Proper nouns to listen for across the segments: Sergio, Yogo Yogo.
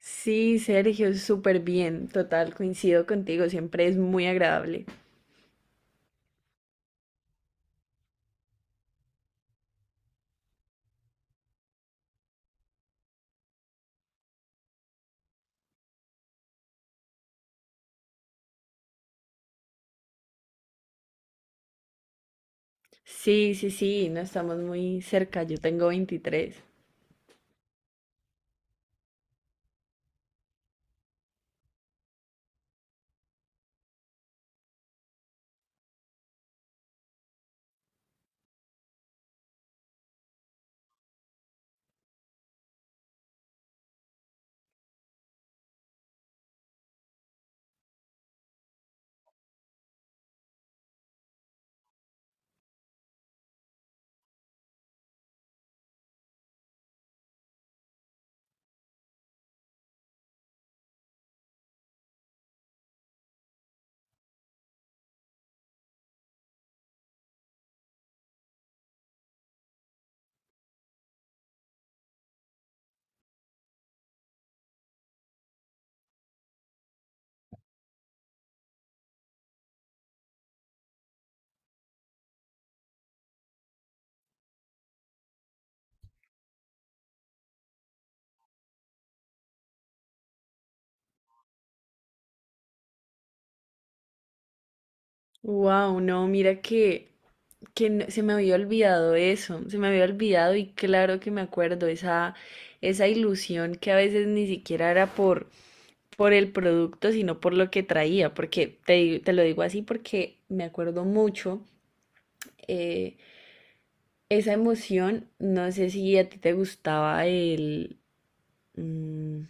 Sí, Sergio, súper bien, total, coincido contigo, siempre es muy agradable. Sí, sí, sí, no estamos muy cerca, yo tengo 23. Wow, no, mira que, se me había olvidado eso, se me había olvidado y claro que me acuerdo, esa ilusión que a veces ni siquiera era por el producto, sino por lo que traía, porque te lo digo así porque me acuerdo mucho. eh, Esa emoción, no sé si a ti te gustaba el... Mm,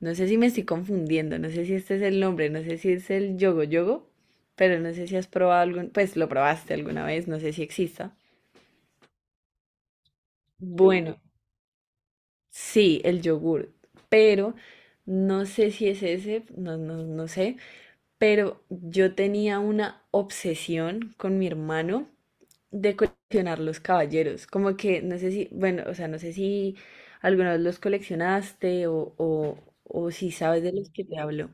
no sé si me estoy confundiendo, no sé si este es el nombre, no sé si es el yogo yogo, pero no sé si has probado algún, pues lo probaste alguna vez, no sé si exista. Bueno, sí, el yogur, pero no sé si es ese, no, no, no sé, pero yo tenía una obsesión con mi hermano de coleccionar los caballeros, como que no sé si, bueno, o sea, no sé si alguna vez los coleccionaste o si sabes de los que te hablo.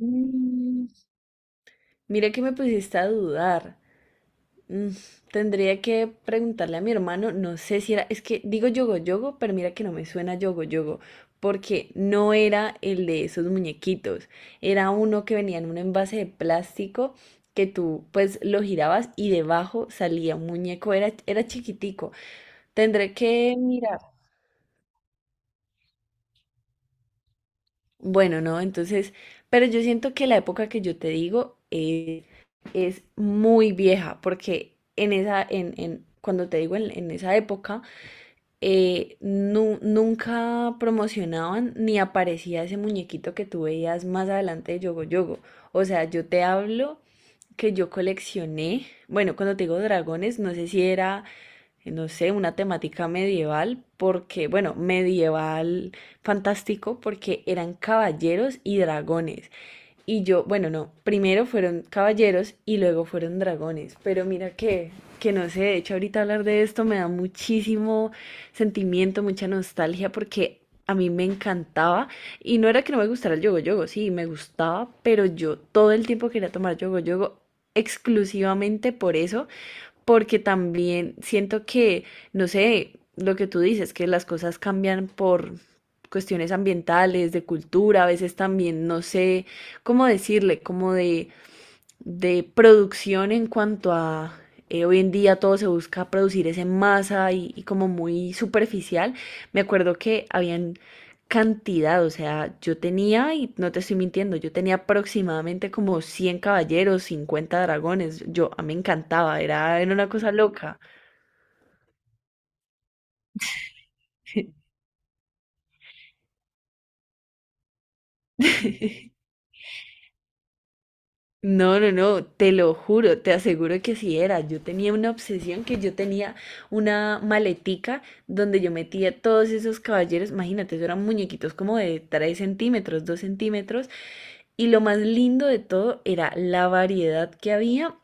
Mm, mira que me pusiste a dudar. Mm, tendría que preguntarle a mi hermano, no sé si era, es que digo yogo yogo, pero mira que no me suena yogo yogo, porque no era el de esos muñequitos, era uno que venía en un envase de plástico que tú pues lo girabas y debajo salía un muñeco, era, era chiquitico. Tendré que mirar. Bueno, no, entonces, pero yo siento que la época que yo te digo es muy vieja, porque en esa, cuando te digo en esa época, nunca promocionaban ni aparecía ese muñequito que tú veías más adelante de Yogo Yogo. O sea, yo te hablo que yo coleccioné, bueno, cuando te digo dragones, no sé si era no sé, una temática medieval, porque, bueno, medieval fantástico, porque eran caballeros y dragones. Y yo, bueno, no, primero fueron caballeros y luego fueron dragones. Pero mira que no sé, de hecho ahorita hablar de esto me da muchísimo sentimiento, mucha nostalgia, porque... A mí me encantaba y no era que no me gustara el yogo yogo, sí, me gustaba, pero yo todo el tiempo quería tomar yogo yogo exclusivamente por eso porque también siento que, no sé, lo que tú dices, que las cosas cambian por cuestiones ambientales, de cultura, a veces también, no sé cómo decirle, como de producción en cuanto a hoy en día todo se busca producir es en masa y como muy superficial. Me acuerdo que habían cantidad, o sea, yo tenía, y no te estoy mintiendo, yo tenía aproximadamente como 100 caballeros, 50 dragones. Yo, a mí me encantaba, era, era una cosa loca. No, no, no, te lo juro, te aseguro que sí era. Yo tenía una obsesión que yo tenía una maletica donde yo metía todos esos caballeros, imagínate, eso eran muñequitos como de 3 centímetros, 2 centímetros, y lo más lindo de todo era la variedad que había,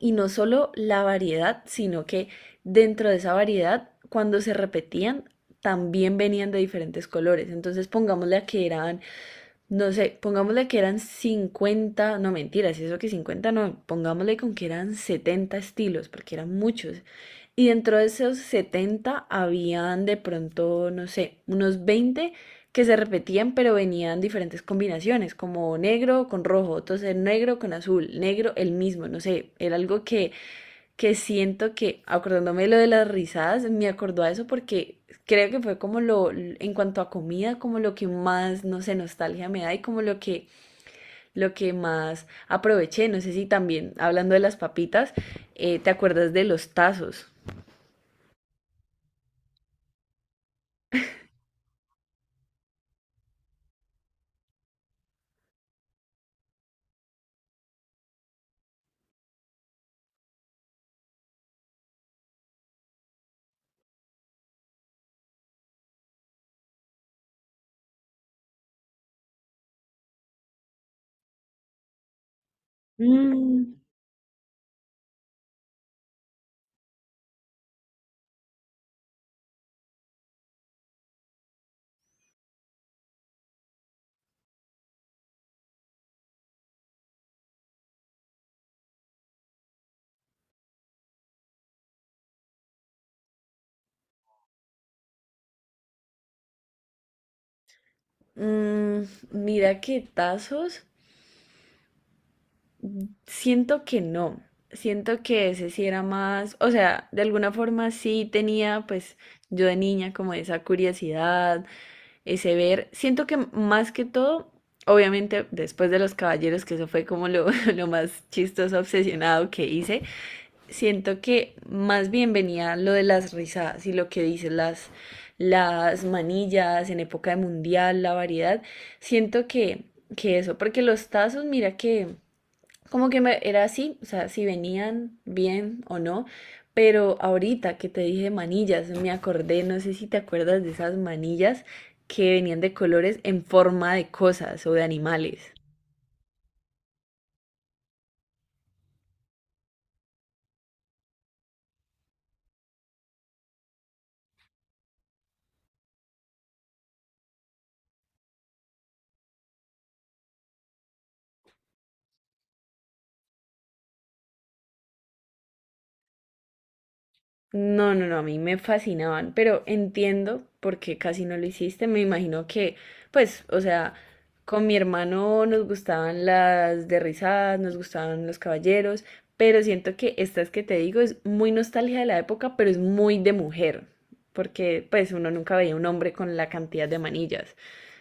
y no solo la variedad, sino que dentro de esa variedad, cuando se repetían, también venían de diferentes colores. Entonces pongámosle a que eran no sé, pongámosle que eran 50 no mentiras, eso que 50 no, pongámosle con que eran 70 estilos, porque eran muchos. Y dentro de esos 70 habían de pronto, no sé, unos 20 que se repetían, pero venían diferentes combinaciones, como negro con rojo, entonces negro con azul, negro el mismo, no sé, era algo que siento que, acordándome de lo de las risadas, me acordó a eso porque creo que fue como lo, en cuanto a comida, como lo que más, no sé, nostalgia me da y como lo que más aproveché. No sé si también, hablando de las papitas, ¿te acuerdas de los tazos? Mm. Mm, mira que tazos, siento que no. Siento que ese sí era más, o sea, de alguna forma sí tenía, pues yo de niña como esa curiosidad, ese ver. Siento que más que todo, obviamente después de Los Caballeros, que eso fue como lo, lo más chistoso, obsesionado que hice, siento que más bien venía lo de las risadas y lo que dices, las manillas en época de mundial, la variedad. Siento que eso, porque los tazos, mira que como que me, era así, o sea, si venían bien o no, pero ahorita que te dije manillas, me acordé, no sé si te acuerdas de esas manillas que venían de colores en forma de cosas o de animales. No, no, no, a mí me fascinaban, pero entiendo por qué casi no lo hiciste. Me imagino que, pues, o sea, con mi hermano nos gustaban las de risadas, nos gustaban los caballeros, pero siento que estas que te digo es muy nostalgia de la época, pero es muy de mujer, porque pues uno nunca veía un hombre con la cantidad de manillas.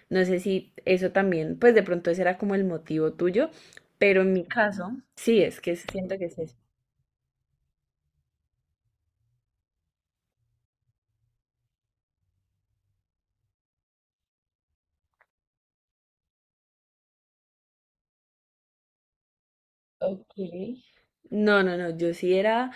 No sé si eso también, pues de pronto ese era como el motivo tuyo, pero en mi caso, sí, es que siento que es eso. Ok. No, no, no, yo sí era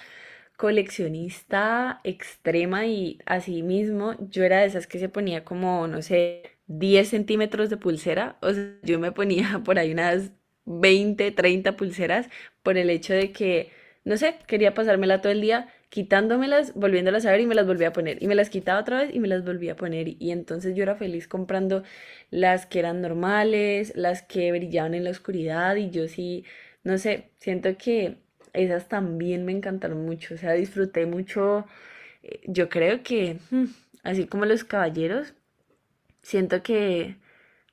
coleccionista extrema y así mismo yo era de esas que se ponía como, no sé, 10 centímetros de pulsera. O sea, yo me ponía por ahí unas 20 30 pulseras por el hecho de que, no sé, quería pasármela todo el día quitándomelas, volviéndolas a ver y me las volvía a poner. Y me las quitaba otra vez y me las volvía a poner. Y entonces yo era feliz comprando las que eran normales, las que brillaban en la oscuridad y yo sí, no sé, siento que esas también me encantaron mucho, o sea, disfruté mucho. Yo creo que, mm, así como los caballeros, siento que,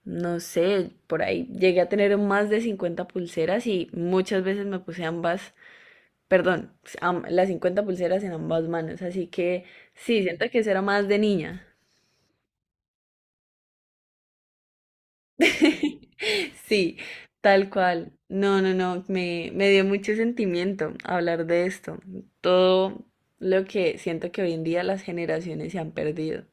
no sé, por ahí llegué a tener más de 50 pulseras y muchas veces me puse ambas, perdón, las 50 pulseras en ambas manos, así que sí, siento que eso era más de niña. Sí, tal cual. No, no, no, me dio mucho sentimiento hablar de esto. Todo lo que siento que hoy en día las generaciones se han perdido.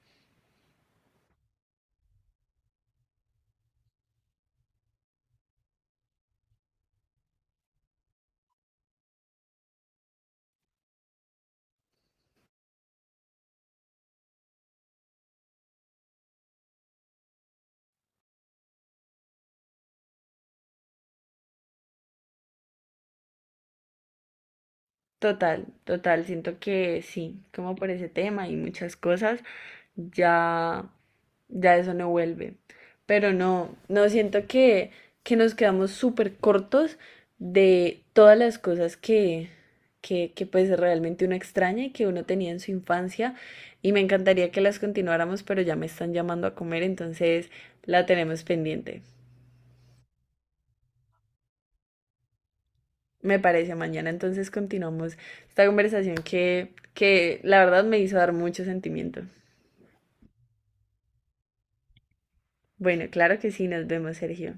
Total, total, siento que sí, como por ese tema y muchas cosas, ya, ya eso no vuelve. Pero no, no siento que nos quedamos súper cortos de todas las cosas que pues realmente uno extraña y que uno tenía en su infancia. Y me encantaría que las continuáramos, pero ya me están llamando a comer, entonces la tenemos pendiente. Me parece, mañana entonces continuamos esta conversación que la verdad me hizo dar mucho sentimiento. Bueno, claro que sí, nos vemos, Sergio.